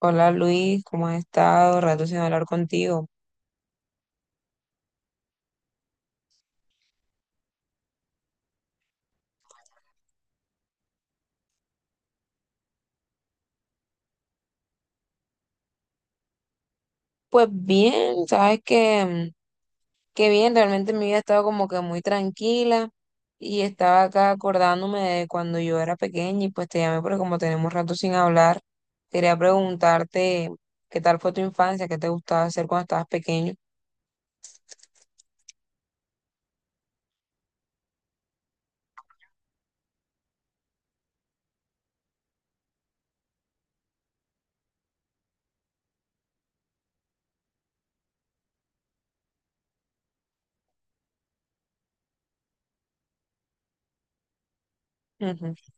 Hola Luis, ¿cómo has estado? Rato sin hablar contigo. Pues bien, sabes que bien, realmente mi vida ha estado como que muy tranquila y estaba acá acordándome de cuando yo era pequeña y pues te llamé porque como tenemos rato sin hablar, quería preguntarte qué tal fue tu infancia, qué te gustaba hacer cuando estabas pequeño. Ujú.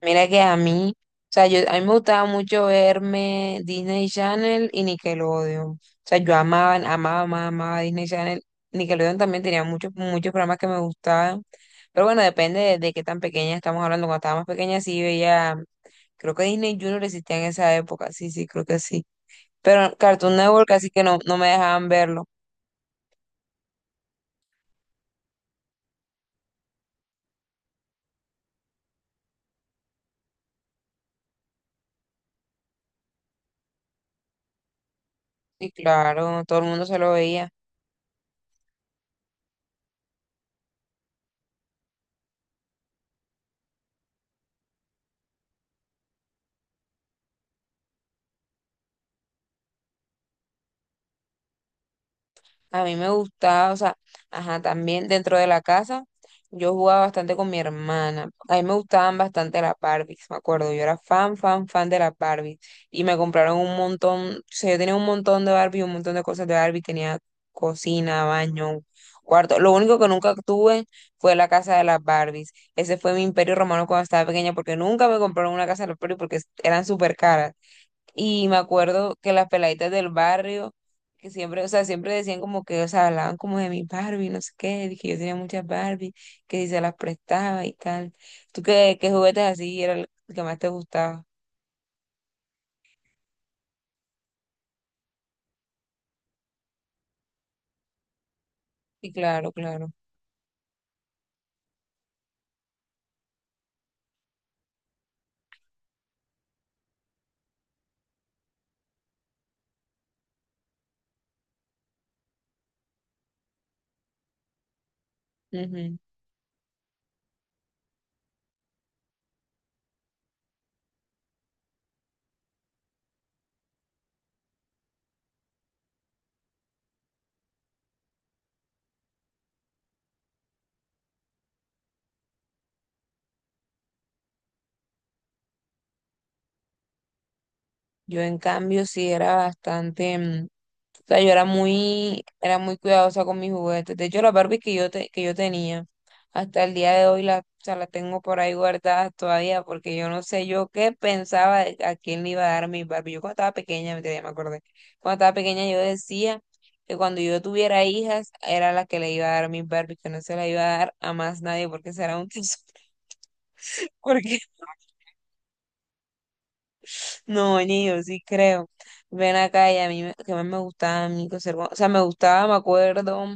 Mira que a mí, o sea, yo, a mí me gustaba mucho verme Disney Channel y Nickelodeon. O sea, yo amaba, amaba, amaba, amaba Disney Channel. Nickelodeon también tenía muchos, muchos programas que me gustaban. Pero bueno, depende de qué tan pequeña estamos hablando. Cuando estaba más pequeña sí veía, creo que Disney Junior existía en esa época. Sí, sí, creo que sí. Pero Cartoon Network casi que no, no me dejaban verlo. Y claro, todo el mundo se lo veía. A mí me gustaba, o sea, ajá, también dentro de la casa yo jugaba bastante con mi hermana. A mí me gustaban bastante las Barbies, me acuerdo. Yo era fan, fan, fan de las Barbies. Y me compraron un montón, o sea, yo tenía un montón de Barbie, un montón de cosas de Barbie. Tenía cocina, baño, cuarto. Lo único que nunca tuve fue la casa de las Barbies. Ese fue mi imperio romano cuando estaba pequeña porque nunca me compraron una casa de las Barbie porque eran súper caras. Y me acuerdo que las peladitas del barrio, que siempre, o sea, siempre decían como que, o sea, hablaban como de mi Barbie, no sé qué, de que yo tenía muchas Barbie, que si se las prestaba y tal. ¿Tú qué, qué juguetes así era el que más te gustaba? Sí, claro, claro. Ujú. Yo en cambio sí era bastante, o sea, yo era muy cuidadosa con mis juguetes. De hecho, las Barbies que yo tenía. Hasta el día de hoy la, o sea, la tengo por ahí guardada todavía porque yo no sé yo qué pensaba de a quién le iba a dar mi Barbie. Yo cuando estaba pequeña, me acordé, cuando estaba pequeña yo decía que cuando yo tuviera hijas era la que le iba a dar mi Barbie, que no se la iba a dar a más nadie porque será un tesoro. Porque no, ni yo sí creo. Ven acá y a mí que más me gustaba a mí coser, o sea, me gustaba, me acuerdo,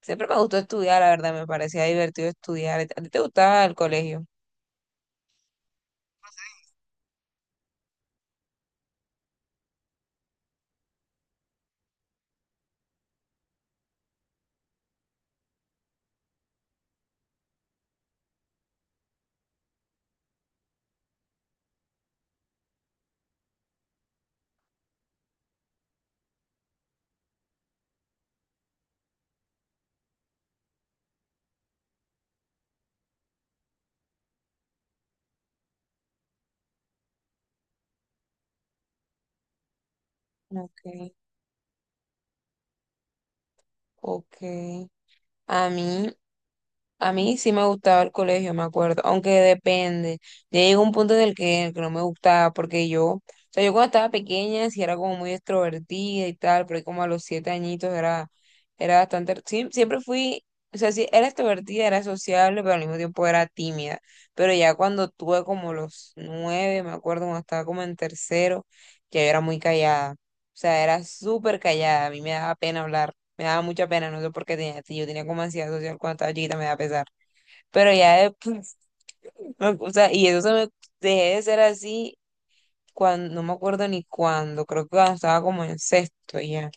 siempre me gustó estudiar, la verdad, me parecía divertido estudiar. ¿A ti te gustaba el colegio? Okay, ok. A mí, a mí sí me gustaba el colegio, me acuerdo, aunque depende. Ya llegó un punto en el que no me gustaba, porque yo, o sea, yo cuando estaba pequeña sí era como muy extrovertida y tal, pero ahí como a los 7 añitos era, era bastante, sí, siempre fui, o sea, sí, era extrovertida, era sociable, pero al mismo tiempo era tímida. Pero ya cuando tuve como los 9, me acuerdo, cuando estaba como en tercero, ya yo era muy callada. O sea, era súper callada, a mí me daba pena hablar. Me daba mucha pena, no sé por qué tenía, si yo tenía como ansiedad social cuando estaba chiquita, me da pesar. Pero ya después, o sea, y eso se me dejé de ser así cuando, no me acuerdo ni cuándo, creo que cuando estaba como en sexto ya.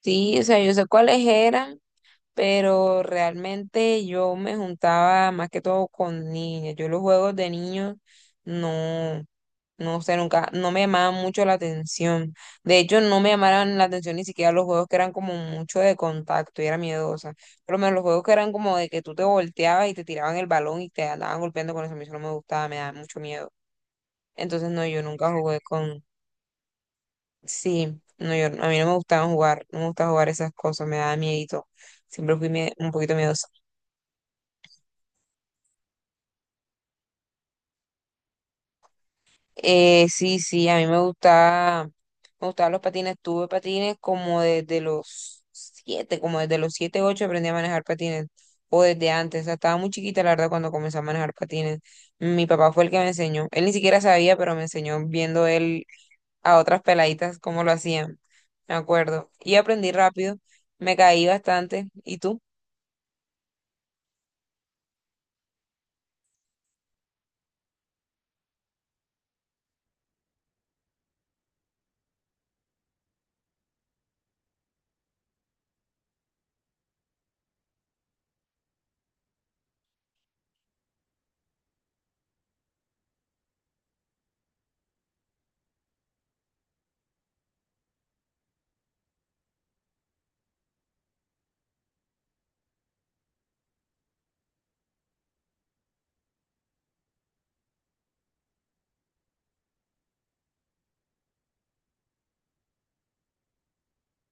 Sí, o sea, yo sé cuáles eran, pero realmente yo me juntaba más que todo con niñas. Yo los juegos de niños no. No sé, nunca, no me llamaban mucho la atención. De hecho, no me llamaban la atención ni siquiera los juegos que eran como mucho de contacto y era miedosa. Por lo menos los juegos que eran como de que tú te volteabas y te tiraban el balón y te andaban golpeando con eso, a mí eso no me gustaba, me daba mucho miedo. Entonces, no, yo nunca jugué con... Sí, no, yo, a mí no me gustaba jugar, no me gustaba jugar esas cosas, me daba miedito. Siempre fui un poquito miedosa. Sí, sí, a mí me gustaba, me gustaban los patines. Tuve patines como desde los siete, ocho aprendí a manejar patines, o desde antes. O sea, estaba muy chiquita, la verdad, cuando comencé a manejar patines. Mi papá fue el que me enseñó. Él ni siquiera sabía, pero me enseñó viendo él a otras peladitas cómo lo hacían. Me acuerdo. Y aprendí rápido, me caí bastante. ¿Y tú?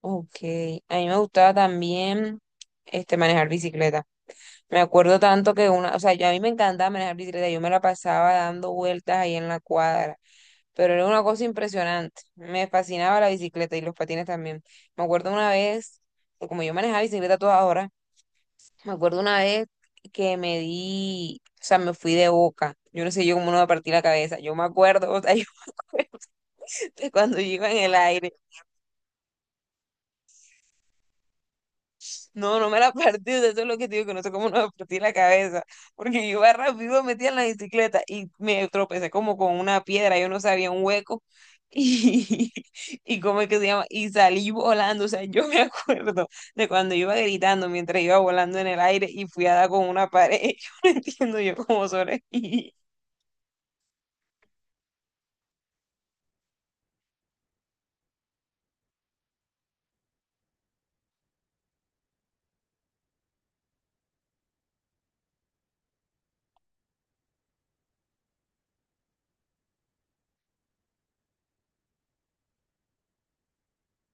Ok, a mí me gustaba también este, manejar bicicleta. Me acuerdo tanto que una, o sea, yo a mí me encantaba manejar bicicleta, yo me la pasaba dando vueltas ahí en la cuadra, pero era una cosa impresionante. Me fascinaba la bicicleta y los patines también. Me acuerdo una vez, que como yo manejaba bicicleta a toda hora, me acuerdo una vez que me di, o sea, me fui de boca. Yo no sé yo cómo no me partí la cabeza. Yo me acuerdo, o sea, yo me acuerdo de cuando yo iba en el aire. No, no me la partí, o sea, eso es lo que te digo, que no sé cómo no me partí la cabeza, porque yo iba rápido, metía en la bicicleta y me tropecé como con una piedra, yo no sabía un hueco y, y cómo es que se llama, y salí volando, o sea, yo me acuerdo de cuando iba gritando mientras iba volando en el aire y fui a dar con una pared. Yo no entiendo yo cómo sobreviví.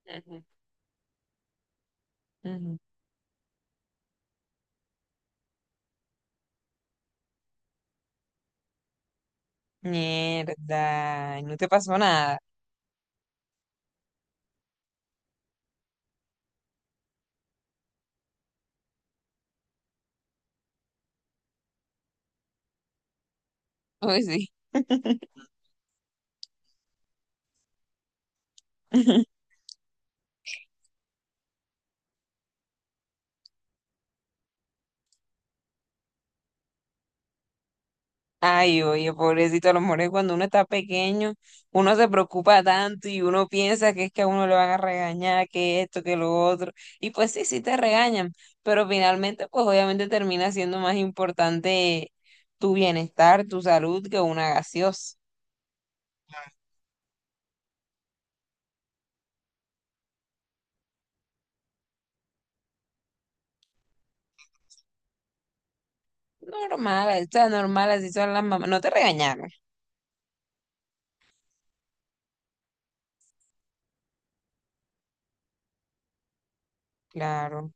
Ujú, ujú. Mierda, ¿y no te pasó nada? Uy, sí. Ay, oye, pobrecito, a lo mejor es cuando uno está pequeño, uno se preocupa tanto y uno piensa que es que a uno le van a regañar, que esto, que lo otro. Y pues sí, sí te regañan, pero finalmente, pues obviamente termina siendo más importante tu bienestar, tu salud, que una gaseosa. Normal, o sea, normal, así son las mamás. No te regañaron. Claro.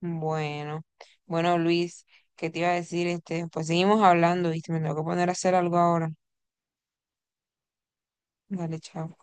Bueno, bueno, Luis, ¿qué te iba a decir? Este, pues seguimos hablando, ¿viste? Me tengo que poner a hacer algo ahora. Dale, chao.